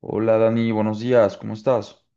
Hola Dani, buenos días, ¿cómo estás?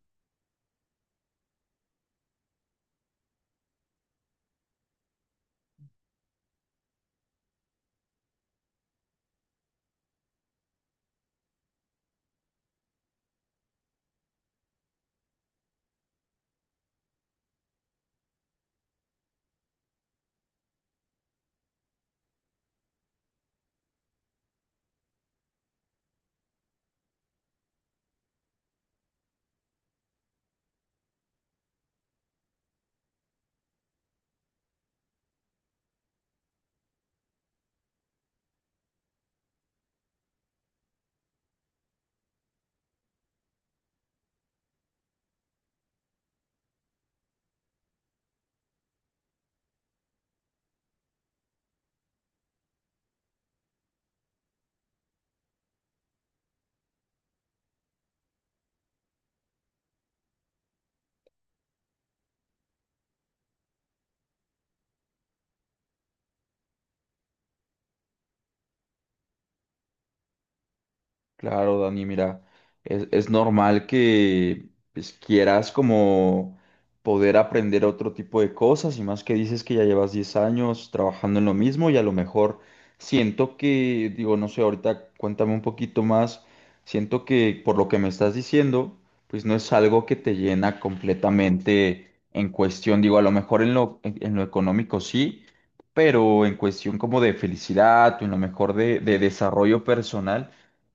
Claro, Dani, mira, es normal que pues, quieras como poder aprender otro tipo de cosas y más que dices que ya llevas 10 años trabajando en lo mismo y a lo mejor siento que, digo, no sé, ahorita cuéntame un poquito más, siento que por lo que me estás diciendo, pues no es algo que te llena completamente en cuestión, digo, a lo mejor en lo económico sí, pero en cuestión como de felicidad o en lo mejor de desarrollo personal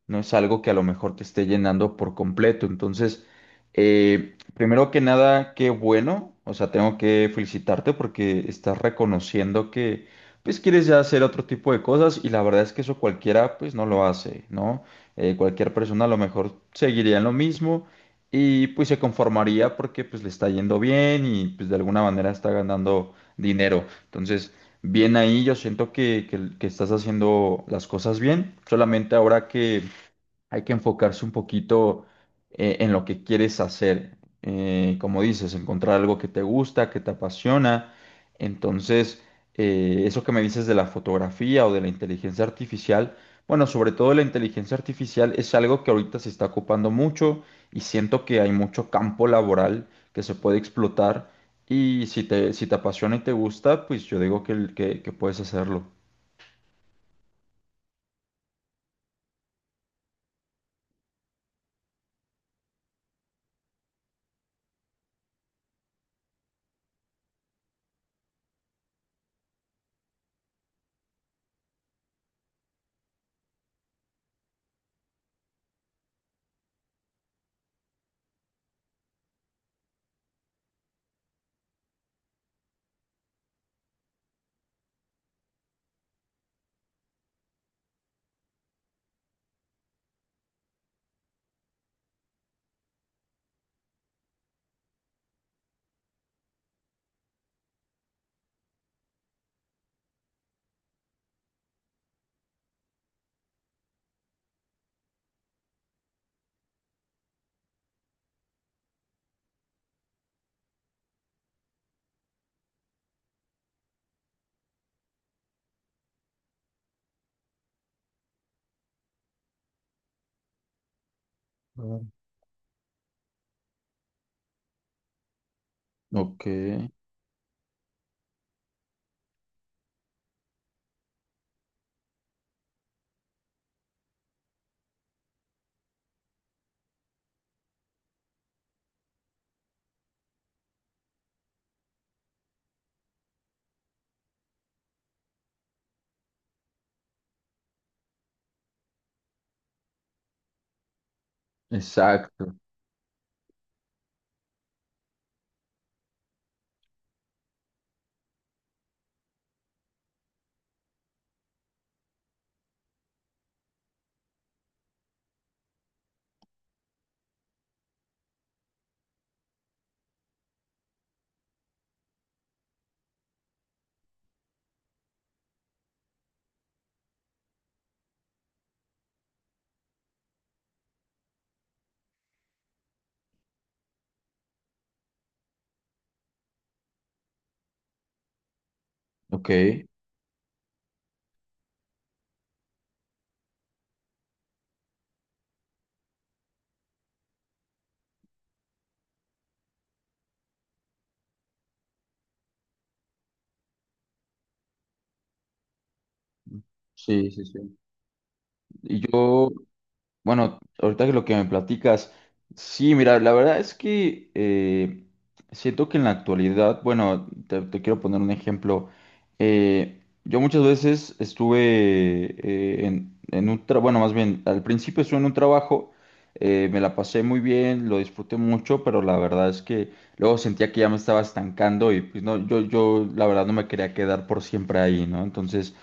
no es algo que a lo mejor te esté llenando por completo. Entonces, primero que nada, qué bueno, o sea, tengo que felicitarte porque estás reconociendo que pues quieres ya hacer otro tipo de cosas y la verdad es que eso cualquiera pues no lo hace, ¿no? Cualquier persona a lo mejor seguiría en lo mismo y pues se conformaría porque pues le está yendo bien y pues de alguna manera está ganando dinero. Entonces, bien ahí, yo siento que estás haciendo las cosas bien, solamente ahora que hay que enfocarse un poquito en lo que quieres hacer. Como dices, encontrar algo que te gusta, que te apasiona. Entonces, eso que me dices de la fotografía o de la inteligencia artificial, bueno, sobre todo la inteligencia artificial es algo que ahorita se está ocupando mucho y siento que hay mucho campo laboral que se puede explotar. Y si te apasiona y te gusta, pues yo digo que puedes hacerlo. Claro. Ok, exacto. Ok. Sí, sí, sí. Y yo, bueno, ahorita que lo que me platicas, sí, mira, la verdad es que siento que en la actualidad, bueno, te quiero poner un ejemplo. Yo muchas veces estuve en un trabajo, bueno, más bien, al principio estuve en un trabajo, me la pasé muy bien, lo disfruté mucho, pero la verdad es que luego sentía que ya me estaba estancando y pues no, yo la verdad no me quería quedar por siempre ahí, ¿no? Entonces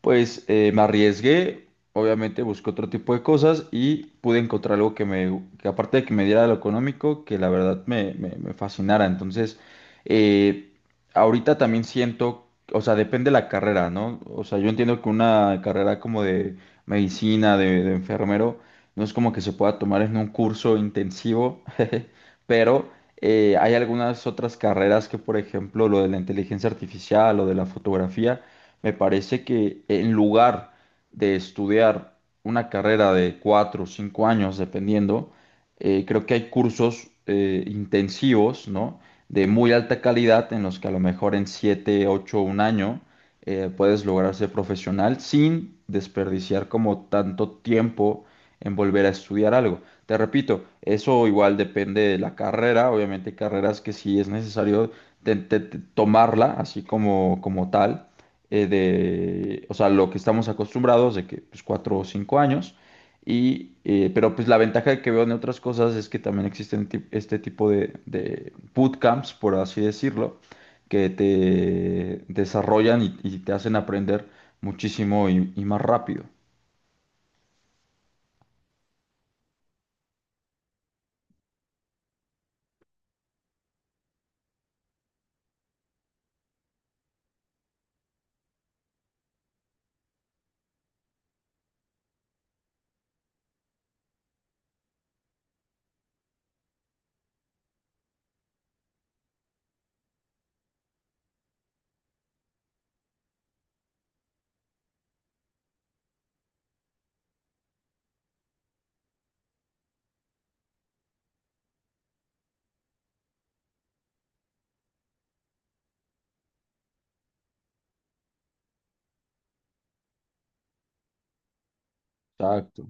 pues me arriesgué, obviamente busqué otro tipo de cosas y pude encontrar algo que me, que aparte de que me diera lo económico, que la verdad me fascinara. Entonces, eh, ahorita también siento, o sea, depende la carrera, ¿no? O sea, yo entiendo que una carrera como de medicina, de enfermero, no es como que se pueda tomar en un curso intensivo, pero hay algunas otras carreras que, por ejemplo, lo de la inteligencia artificial o de la fotografía me parece que en lugar de estudiar una carrera de 4 o 5 años, dependiendo, creo que hay cursos intensivos, ¿no? De muy alta calidad en los que a lo mejor en siete, ocho, un año puedes lograr ser profesional sin desperdiciar como tanto tiempo en volver a estudiar algo. Te repito, eso igual depende de la carrera, obviamente hay carreras que sí es necesario tomarla así como, como tal, o sea, lo que estamos acostumbrados de que pues 4 o 5 años. Y, pero pues la ventaja que veo en otras cosas es que también existen este tipo de bootcamps, por así decirlo, que te desarrollan y te hacen aprender muchísimo y más rápido. Exacto.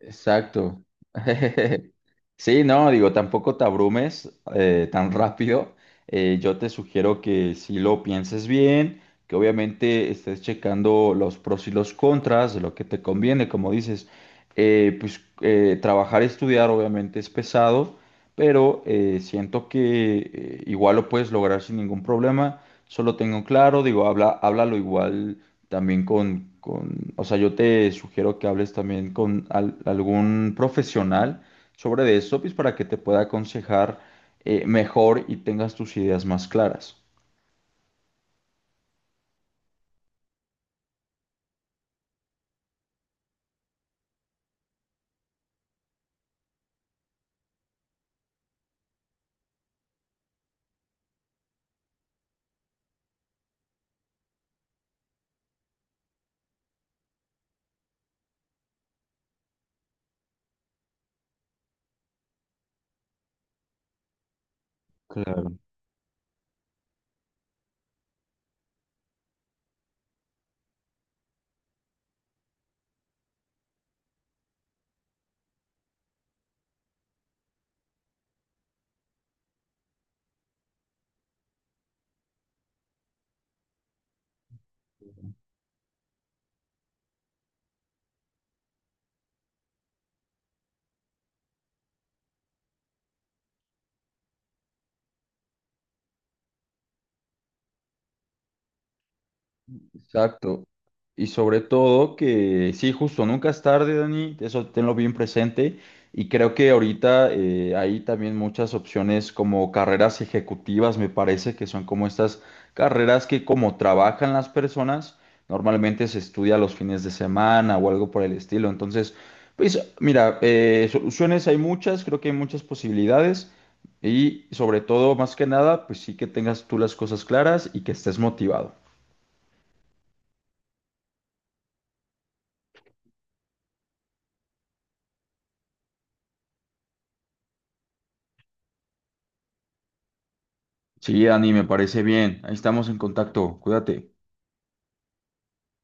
Exacto. Sí, no, digo, tampoco te abrumes tan rápido. Yo te sugiero que si lo pienses bien, que obviamente estés checando los pros y los contras de lo que te conviene, como dices, pues trabajar y estudiar obviamente es pesado, pero siento que igual lo puedes lograr sin ningún problema. Solo tengo claro, digo, háblalo igual también o sea, yo te sugiero que hables también con algún profesional sobre de eso, pues para que te pueda aconsejar mejor y tengas tus ideas más claras. Claro. Exacto. Y sobre todo que sí, justo, nunca es tarde, Dani, eso tenlo bien presente. Y creo que ahorita hay también muchas opciones como carreras ejecutivas, me parece, que son como estas carreras que como trabajan las personas, normalmente se estudia los fines de semana o algo por el estilo. Entonces, pues mira, soluciones hay muchas, creo que hay muchas posibilidades. Y sobre todo, más que nada, pues sí que tengas tú las cosas claras y que estés motivado. Sí, Dani, me parece bien. Ahí estamos en contacto. Cuídate.